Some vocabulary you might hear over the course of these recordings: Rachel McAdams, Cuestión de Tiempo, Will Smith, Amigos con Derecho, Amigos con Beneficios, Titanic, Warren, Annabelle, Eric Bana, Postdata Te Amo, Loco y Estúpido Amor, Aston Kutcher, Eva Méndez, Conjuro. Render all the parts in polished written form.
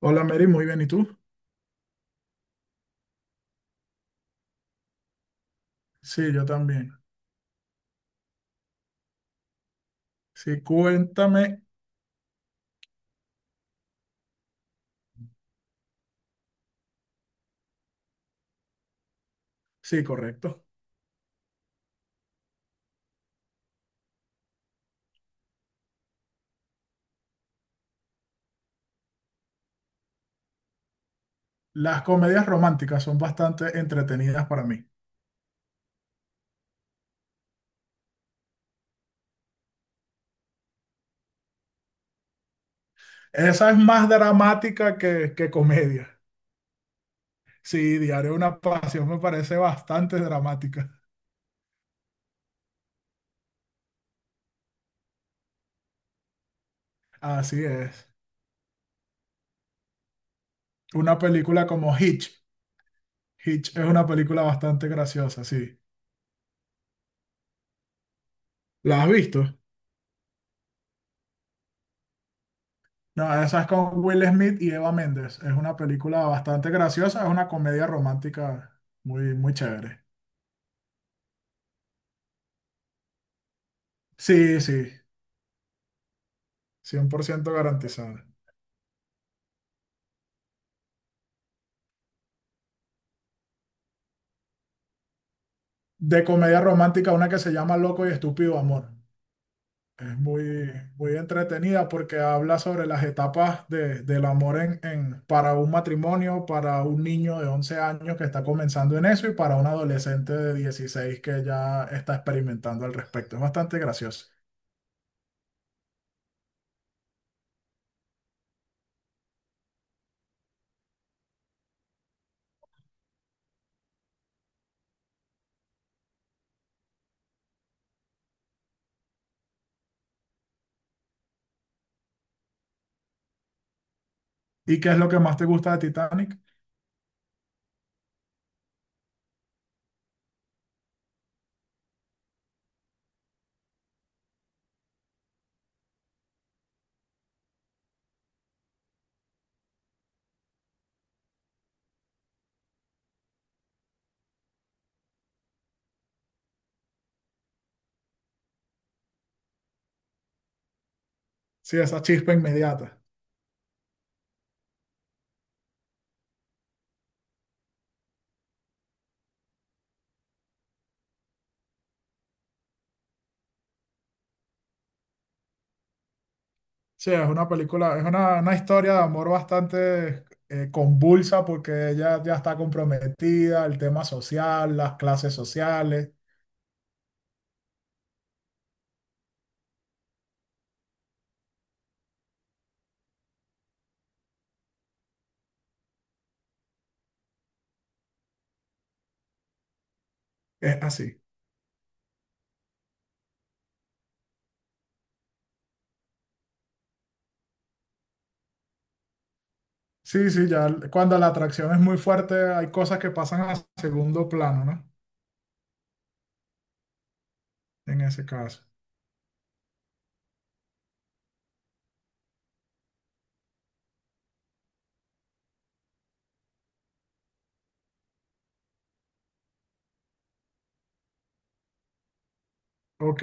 Hola Mary, muy bien. ¿Y tú? Sí, yo también. Sí, cuéntame. Sí, correcto. Las comedias románticas son bastante entretenidas para mí. Esa es más dramática que comedia. Sí, Diario de una Pasión me parece bastante dramática. Así es. Una película como Hitch. Hitch es una película bastante graciosa, sí. ¿La has visto? No, esa es con Will Smith y Eva Méndez. Es una película bastante graciosa, es una comedia romántica muy chévere. Sí, sí. 100% garantizada. De comedia romántica, una que se llama Loco y Estúpido Amor. Es muy entretenida porque habla sobre las etapas del amor para un matrimonio, para un niño de 11 años que está comenzando en eso y para un adolescente de 16 que ya está experimentando al respecto. Es bastante gracioso. ¿Y qué es lo que más te gusta de Titanic? Sí, esa chispa inmediata. Sí, es una película, es una historia de amor bastante convulsa porque ella ya está comprometida, el tema social, las clases sociales, es así. Sí, sí, ya cuando la atracción es muy fuerte hay cosas que pasan a segundo plano, ¿no? En ese caso. Ok.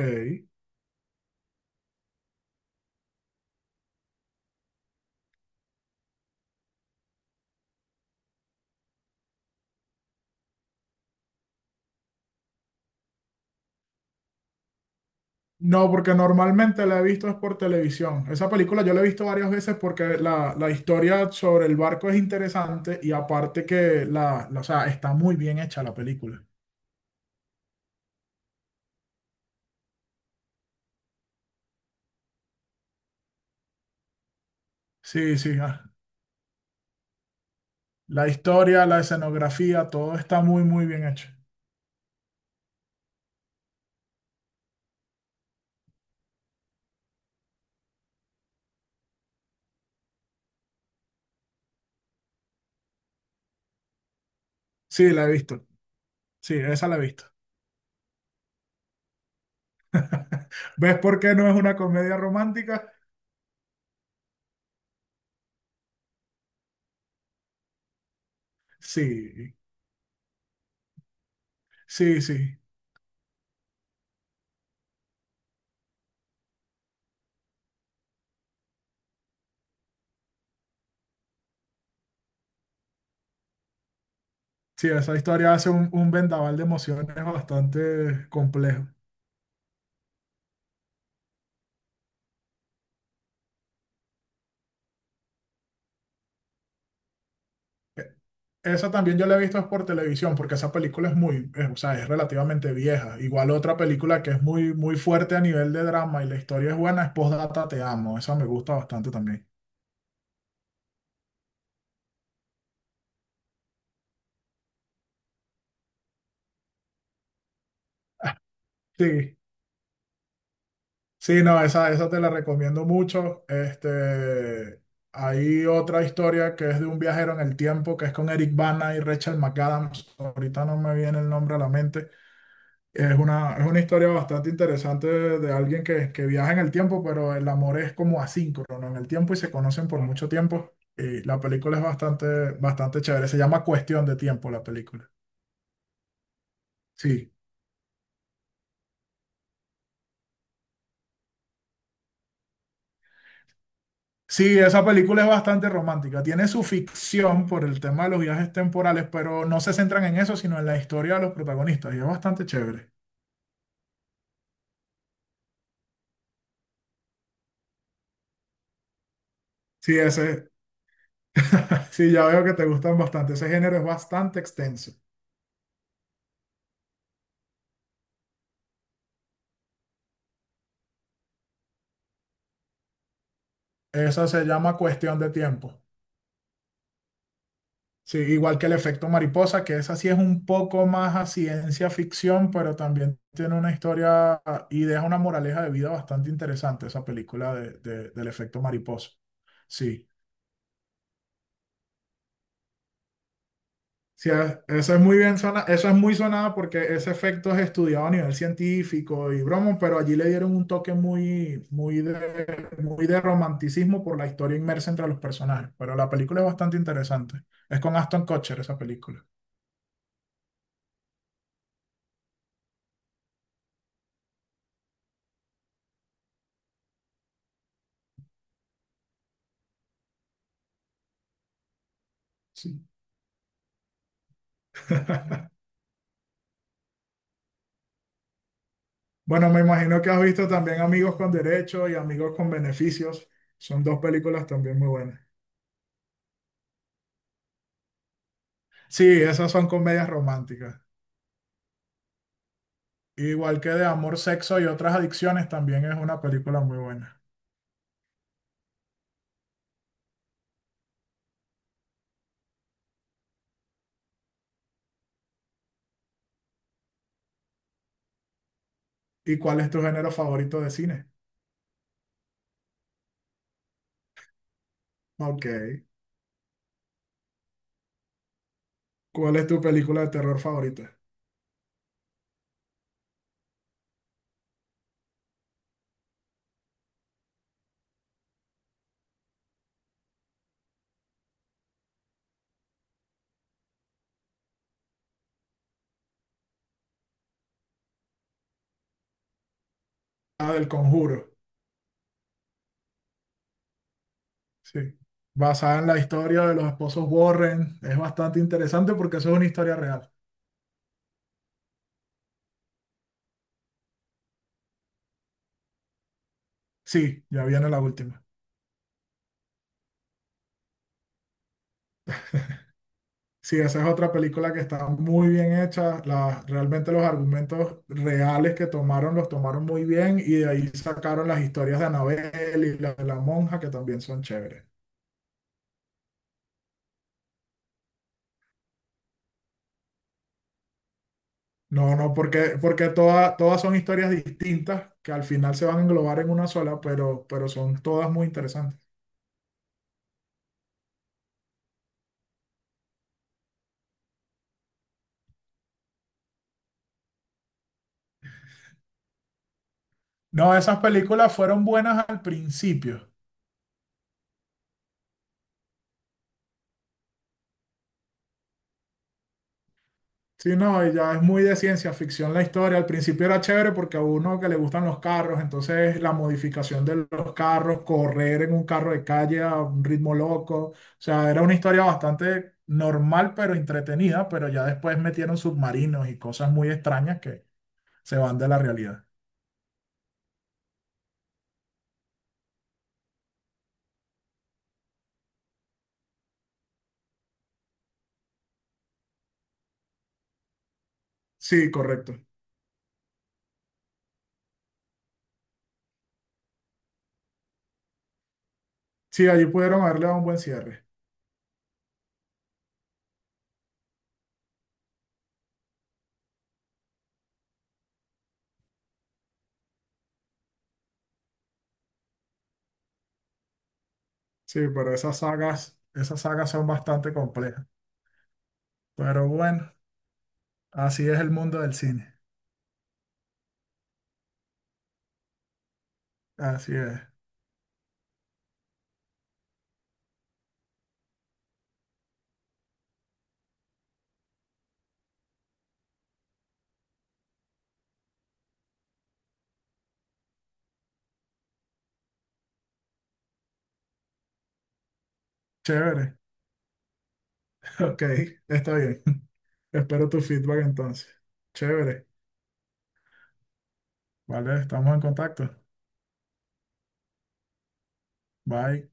No, porque normalmente la he visto es por televisión. Esa película yo la he visto varias veces porque la historia sobre el barco es interesante y aparte que o sea, está muy bien hecha la película. Sí, sí, ah. La historia, la escenografía, todo está muy bien hecho. Sí, la he visto. Sí, esa la he visto. ¿Ves por qué no es una comedia romántica? Sí, sí, sí. Sí, esa historia hace un vendaval de emociones bastante complejo. E- Esa también yo la he visto es por televisión, porque esa película es muy, o sea, es relativamente vieja. Igual otra película que es muy fuerte a nivel de drama y la historia es buena es Postdata Te Amo. Esa me gusta bastante también. Sí. Sí, no, esa te la recomiendo mucho. Hay otra historia que es de un viajero en el tiempo, que es con Eric Bana y Rachel McAdams. Ahorita no me viene el nombre a la mente. Es una historia bastante interesante de alguien que viaja en el tiempo, pero el amor es como asíncrono, ¿no? En el tiempo y se conocen por mucho tiempo. Y la película es bastante chévere. Se llama Cuestión de Tiempo, la película. Sí. Sí, esa película es bastante romántica. Tiene su ficción por el tema de los viajes temporales, pero no se centran en eso, sino en la historia de los protagonistas. Y es bastante chévere. Sí, ese, sí, ya veo que te gustan bastante. Ese género es bastante extenso. Esa se llama Cuestión de Tiempo. Sí, igual que el efecto mariposa, que esa sí es un poco más a ciencia ficción, pero también tiene una historia y deja una moraleja de vida bastante interesante, esa película del efecto mariposa. Sí. Sí, eso es muy bien sona, eso es muy sonado porque ese efecto es estudiado a nivel científico y bromo, pero allí le dieron un toque muy de romanticismo por la historia inmersa entre los personajes. Pero la película es bastante interesante. Es con Aston Kutcher esa película. Sí. Bueno, me imagino que has visto también Amigos con Derecho y Amigos con Beneficios. Son dos películas también muy buenas. Sí, esas son comedias románticas. Igual que de amor, sexo y otras adicciones, también es una película muy buena. ¿Y cuál es tu género favorito de cine? Ok. ¿Cuál es tu película de terror favorita? Ah, del Conjuro. Sí. Basada en la historia de los esposos Warren. Es bastante interesante porque eso es una historia real. Sí, ya viene la última. Sí, esa es otra película que está muy bien hecha. Realmente los argumentos reales que tomaron los tomaron muy bien y de ahí sacaron las historias de Annabelle y la de la monja que también son chéveres. No, no, porque, porque todas son historias distintas que al final se van a englobar en una sola, pero son todas muy interesantes. No, esas películas fueron buenas al principio. Sí, no, y ya es muy de ciencia ficción la historia. Al principio era chévere porque a uno que le gustan los carros, entonces la modificación de los carros, correr en un carro de calle a un ritmo loco. O sea, era una historia bastante normal, pero entretenida, pero ya después metieron submarinos y cosas muy extrañas que se van de la realidad. Sí, correcto. Sí, allí pudieron haberle dado un buen cierre. Sí, pero esas sagas son bastante complejas. Pero bueno, así es el mundo del cine. Así es. Chévere. Ok, está bien. Espero tu feedback entonces. Chévere. Vale, estamos en contacto. Bye.